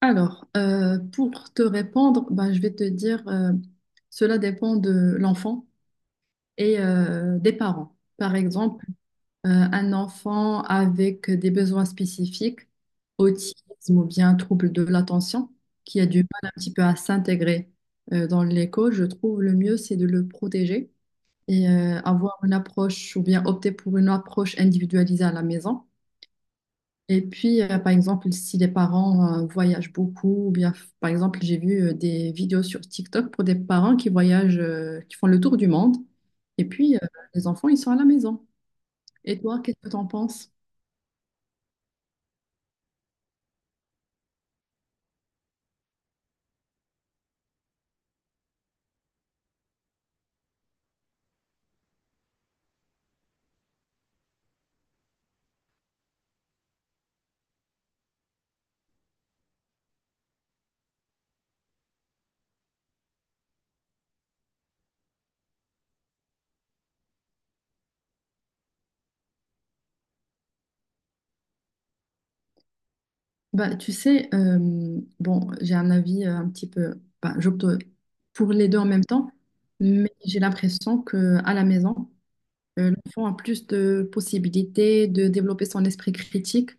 Alors, pour te répondre, ben, je vais te dire, cela dépend de l'enfant et des parents. Par exemple, un enfant avec des besoins spécifiques, autisme ou bien trouble de l'attention, qui a du mal un petit peu à s'intégrer dans l'école, je trouve le mieux, c'est de le protéger et avoir une approche ou bien opter pour une approche individualisée à la maison. Et puis, par exemple, si les parents voyagent beaucoup, ou bien, par exemple, j'ai vu des vidéos sur TikTok pour des parents qui voyagent, qui font le tour du monde, et puis les enfants, ils sont à la maison. Et toi, qu'est-ce que t'en penses? Bah, tu sais, bon, j'ai un avis un petit peu, bah, j'opte pour les deux en même temps, mais j'ai l'impression que à la maison, l'enfant a plus de possibilités de développer son esprit critique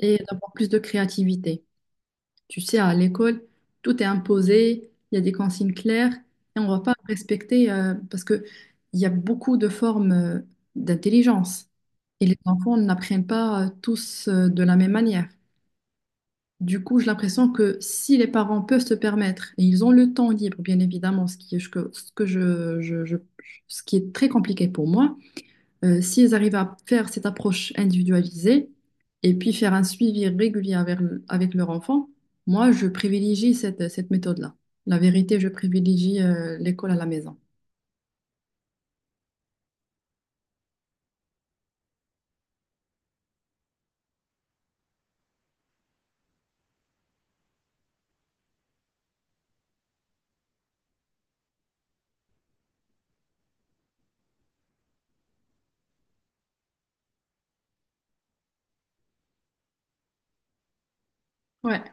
et d'avoir plus de créativité. Tu sais, à l'école, tout est imposé, il y a des consignes claires et on ne va pas respecter parce que il y a beaucoup de formes d'intelligence et les enfants n'apprennent pas tous de la même manière. Du coup, j'ai l'impression que si les parents peuvent se permettre et ils ont le temps libre, bien évidemment, ce qui est, ce que je- ce qui est très compliqué pour moi, si elles arrivent à faire cette approche individualisée et puis faire un suivi régulier avec, avec leur enfant, moi, je privilégie cette méthode-là. La vérité, je privilégie l'école à la maison. Ouais.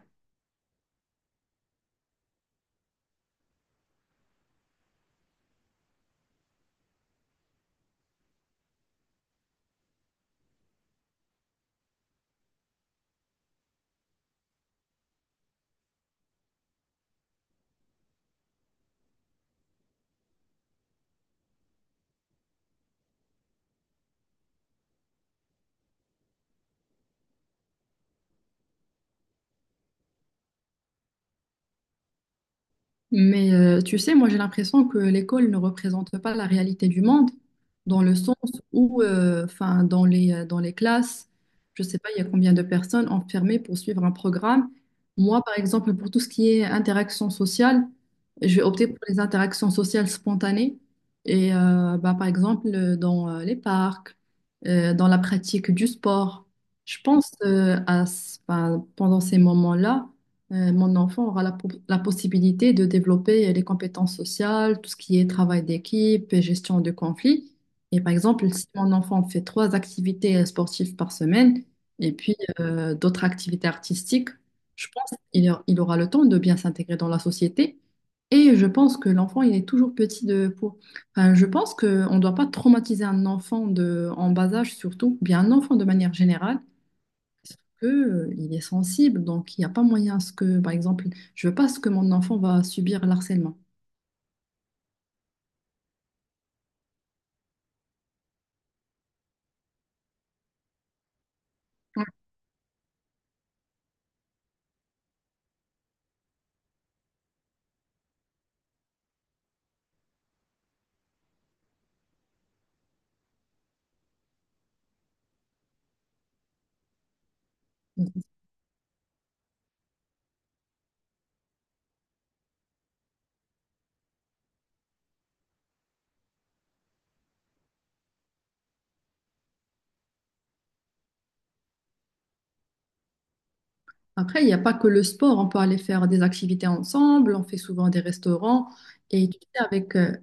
Mais tu sais, moi j'ai l'impression que l'école ne représente pas la réalité du monde, dans le sens où, enfin, dans les classes, je ne sais pas, il y a combien de personnes enfermées pour suivre un programme. Moi, par exemple, pour tout ce qui est interaction sociale, je vais opter pour les interactions sociales spontanées. Et bah, par exemple, dans les parcs, dans la pratique du sport, je pense 'fin, pendant ces moments-là mon enfant aura la possibilité de développer les compétences sociales, tout ce qui est travail d'équipe, et gestion de conflits. Et par exemple, si mon enfant fait trois activités sportives par semaine et puis d'autres activités artistiques, je pense il aura le temps de bien s'intégrer dans la société. Et je pense que l'enfant, il est toujours petit de pour. Enfin, je pense qu'on ne doit pas traumatiser un enfant de, en bas âge surtout, bien un enfant de manière générale que, il est sensible, donc il n'y a pas moyen à ce que, par exemple, je veux pas ce que mon enfant va subir l'harcèlement. Ouais. Après, il n'y a pas que le sport, on peut aller faire des activités ensemble, on fait souvent des restaurants. Et tu sais, avec euh,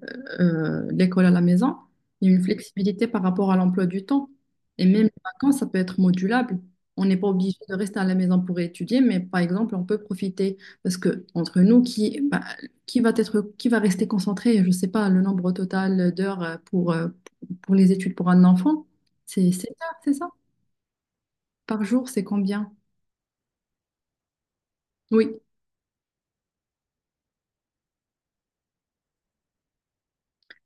euh, l'école à la maison, il y a une flexibilité par rapport à l'emploi du temps. Et même les vacances, ça peut être modulable. On n'est pas obligé de rester à la maison pour étudier, mais par exemple, on peut profiter. Parce que entre nous, qui, bah, qui va être, qui va rester concentré, je ne sais pas, le nombre total d'heures pour les études pour un enfant, c'est 7 heures, c'est ça. Par jour, c'est combien? Oui.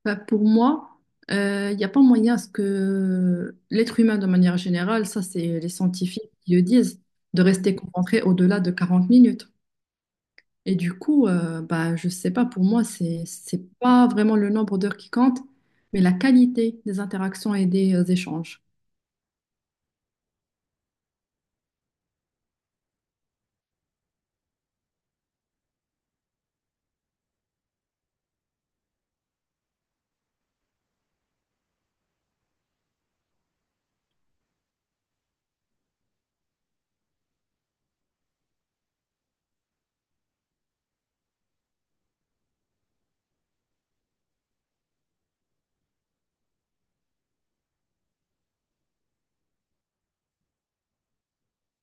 Bah, pour moi, il n'y a pas moyen à ce que l'être humain, de manière générale, ça c'est les scientifiques qui le disent, de rester concentré au-delà de 40 minutes. Et du coup, bah, je sais pas, pour moi, c'est pas vraiment le nombre d'heures qui compte, mais la qualité des interactions et des échanges.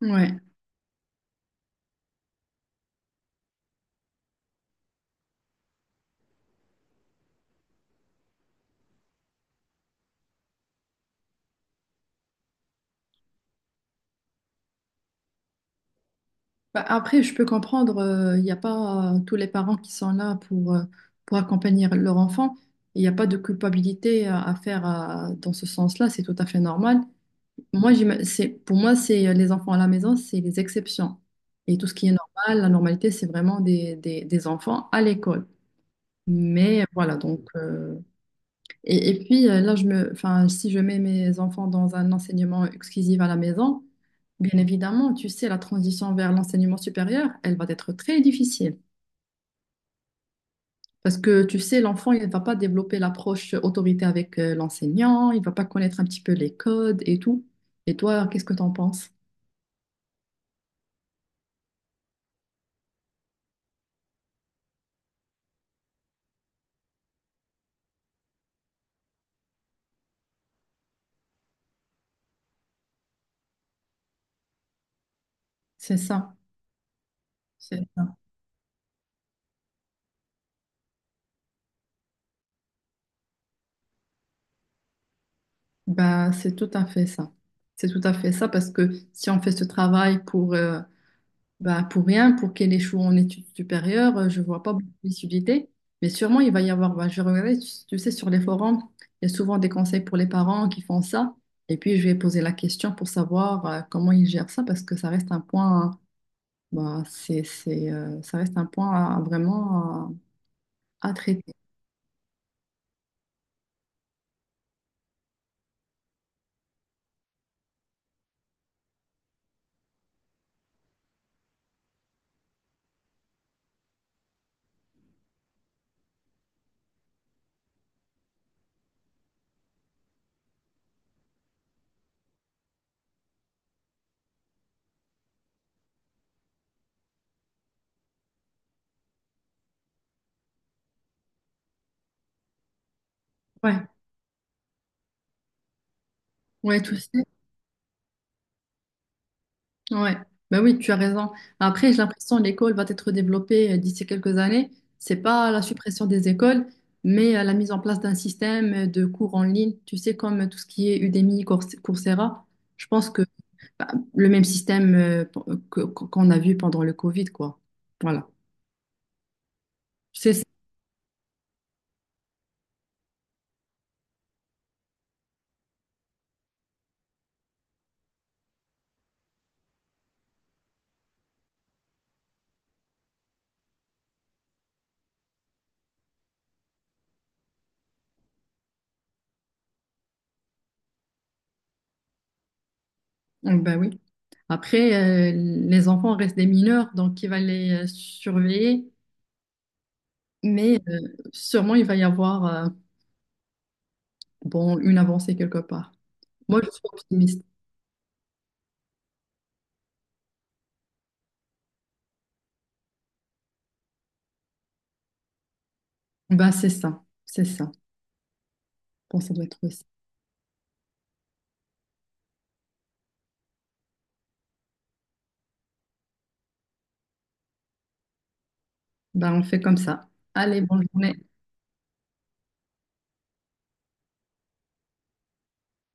Ouais. Bah, après, je peux comprendre, il n'y a pas tous les parents qui sont là pour accompagner leur enfant. Il n'y a pas de culpabilité à faire dans ce sens-là, c'est tout à fait normal. C'est, pour moi, c'est les enfants à la maison, c'est les exceptions. Et tout ce qui est normal, la normalité, c'est vraiment des enfants à l'école. Mais voilà, et, et puis là, je me, enfin, si je mets mes enfants dans un enseignement exclusif à la maison, bien évidemment, tu sais, la transition vers l'enseignement supérieur, elle va être très difficile. Parce que tu sais, l'enfant, il ne va pas développer l'approche autorité avec l'enseignant, il ne va pas connaître un petit peu les codes et tout. Et toi, qu'est-ce que tu en penses? C'est ça. C'est ça. Bah, c'est tout à fait ça. C'est tout à fait ça parce que si on fait ce travail pour, bah, pour rien, pour qu'elle échoue en études supérieures, je vois pas beaucoup d'utilité. Mais sûrement, il va y avoir, bah, je regardais, tu sais, sur les forums, il y a souvent des conseils pour les parents qui font ça. Et puis, je vais poser la question pour savoir, comment ils gèrent ça parce que ça reste un point, bah, ça reste un point à vraiment à traiter. Ouais, ouais, tu sais. Ouais, bah oui, tu as raison. Après, j'ai l'impression que l'école va être développée d'ici quelques années. C'est pas la suppression des écoles, mais la mise en place d'un système de cours en ligne, tu sais, comme tout ce qui est Udemy, Coursera. Je pense que bah, le même système qu'on a vu pendant le Covid, quoi. Voilà. Tu sais, c'est- ça. Donc, bah oui. Après, les enfants restent des mineurs, donc il va les surveiller, mais sûrement il va y avoir bon, une avancée quelque part. Moi, je suis optimiste. Bah, c'est ça, c'est ça. Je pense que ça doit être ça. Bah, on fait comme ça. Allez, bonne journée.